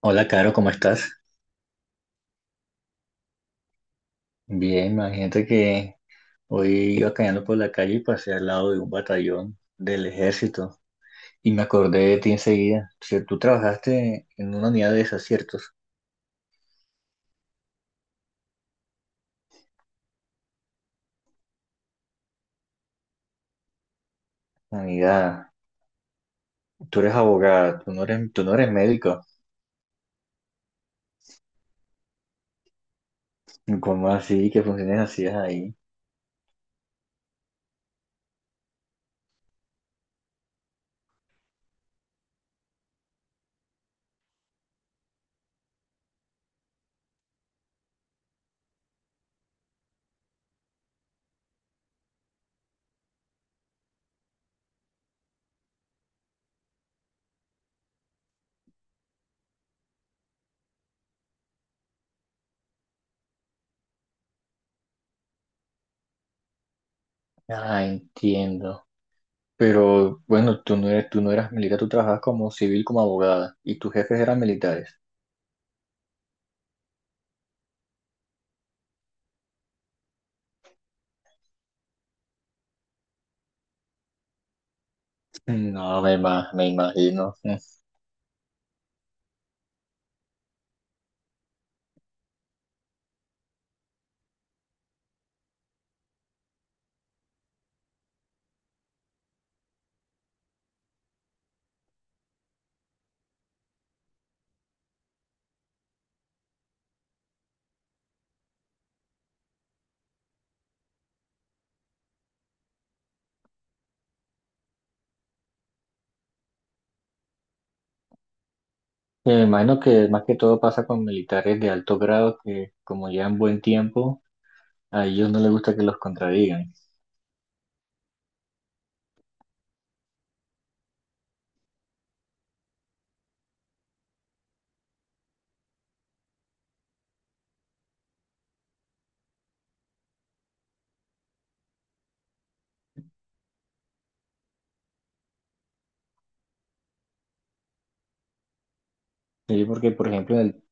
Hola, Caro, ¿cómo estás? Bien, imagínate que hoy iba caminando por la calle y pasé al lado de un batallón del ejército y me acordé de ti enseguida. O sea, tú trabajaste en una unidad de esas, ¿ciertos? Unidad, tú eres abogada, tú no eres médico. ¿Cómo así que funciones hacías ahí? Ah, entiendo. Pero bueno, tú no eras militar, tú trabajabas como civil, como abogada y tus jefes eran militares. No, me, ima- Me imagino. Sí, me imagino que más que todo pasa con militares de alto grado que como llevan buen tiempo, a ellos no les gusta que los contradigan. Sí, porque por ejemplo en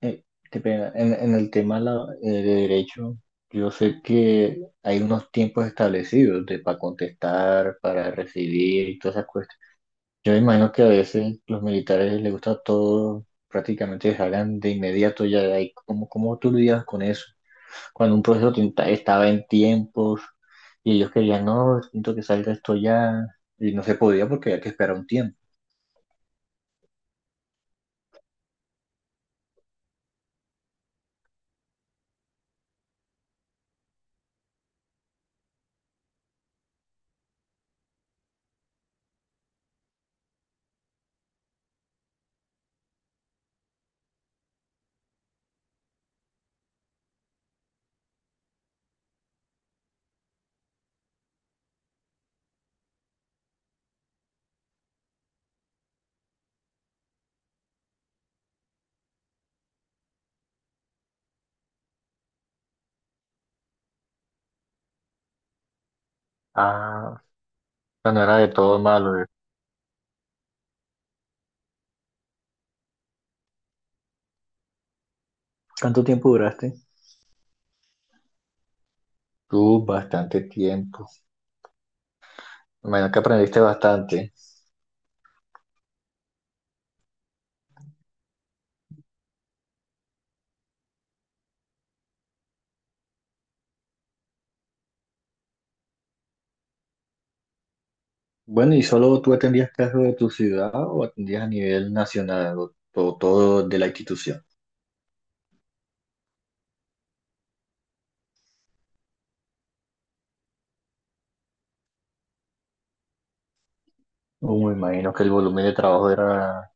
el, eh, qué pena, en el tema de derecho, yo sé que hay unos tiempos establecidos de para contestar, para recibir y todas esas cuestiones. Yo me imagino que a veces los militares les gusta todo prácticamente que salgan de inmediato ya de ahí. ¿Cómo tú lidias con eso? Cuando un proceso estaba en tiempos. Y ellos querían, no, siento que salga esto ya. Y no se podía porque había que esperar un tiempo. Ah, o sea, no era de todo malo. ¿Cuánto tiempo duraste? Tú, bastante tiempo. Bueno que aprendiste bastante. Bueno, ¿y solo tú atendías casos de tu ciudad o atendías a nivel nacional o todo de la institución? Me imagino que el volumen de trabajo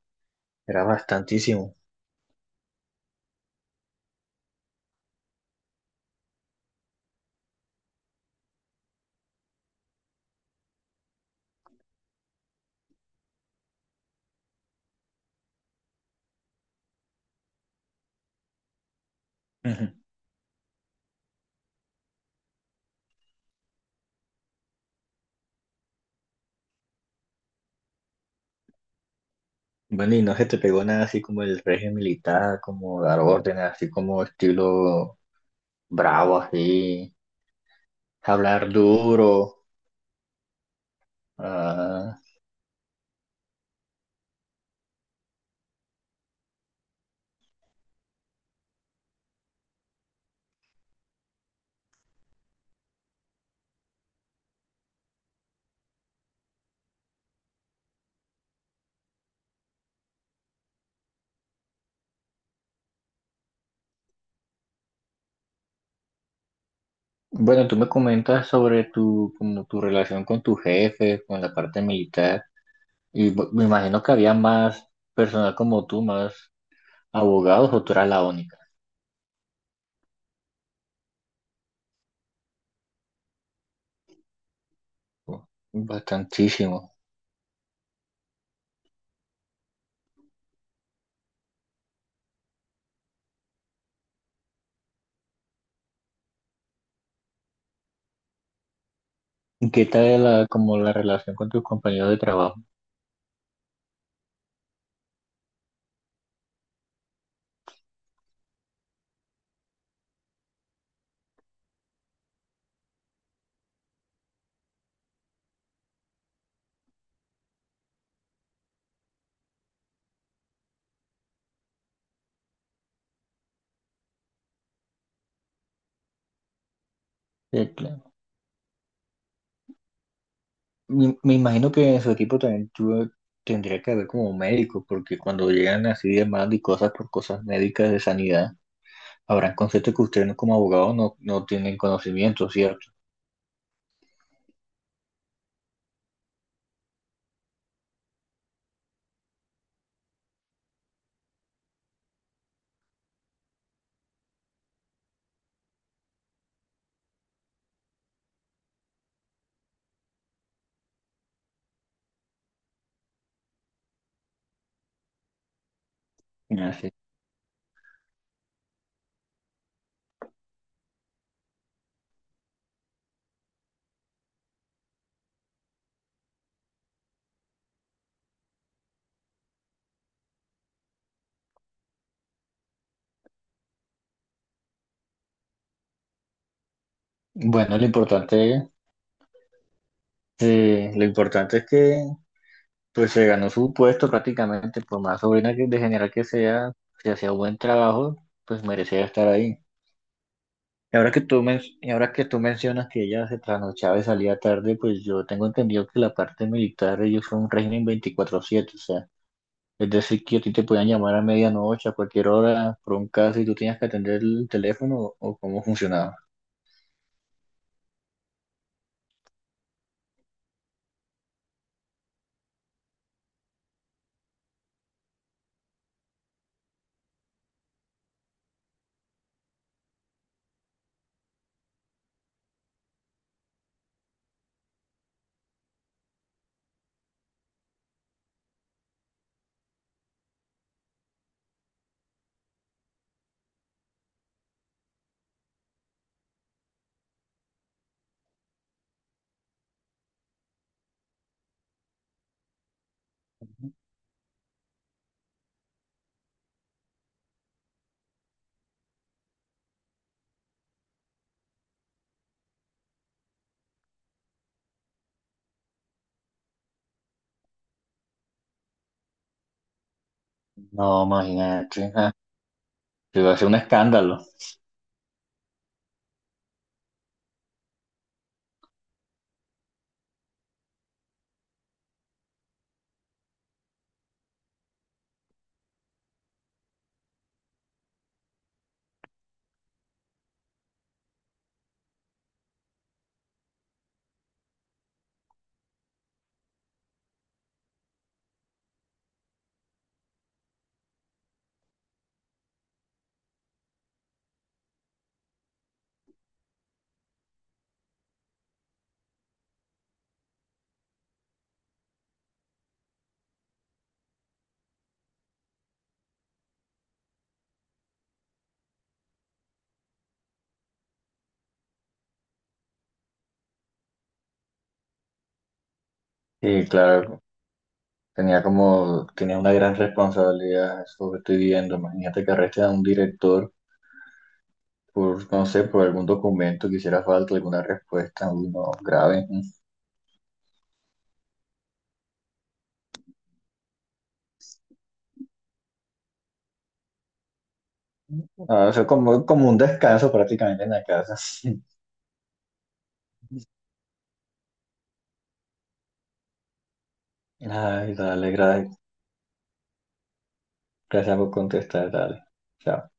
era bastantísimo. Bueno, y no se te pegó nada así como el régimen militar, como dar órdenes, así como estilo bravo, así, hablar duro. Ah. Bueno, tú me comentas sobre tu, como tu relación con tu jefe, con la parte militar, y me imagino que había más personal como tú, más abogados, o tú eras la única. ¿No? Bastantísimo. ¿Qué tal la, como la relación con tus compañeros de trabajo? Me imagino que en su equipo también tendría que haber como un médico, porque cuando llegan así demanda y cosas por cosas médicas de sanidad, habrán conceptos que ustedes como abogados no, no tienen conocimiento, ¿cierto? Así. Bueno, lo importante es que pues se ganó su puesto prácticamente, por más sobrina que de general que sea, si hacía buen trabajo, pues merecía estar ahí. Y ahora que y ahora que tú mencionas que ella se trasnochaba y salía tarde, pues yo tengo entendido que la parte militar, ellos son un régimen 24/7, o sea, es decir, que a ti te podían llamar a medianoche, a cualquier hora, por un caso, y tú tenías que atender el teléfono, o cómo funcionaba. No, imagínate, ah, iba a ser un escándalo. Sí, claro, tenía una gran responsabilidad, eso que estoy viendo. Imagínate que arresten a un director por, no sé, por algún documento que hiciera falta, alguna respuesta, uno grave. Ah, o sea, como un descanso prácticamente en la casa. Ay, dale, gracias por contestar, dale. Chao.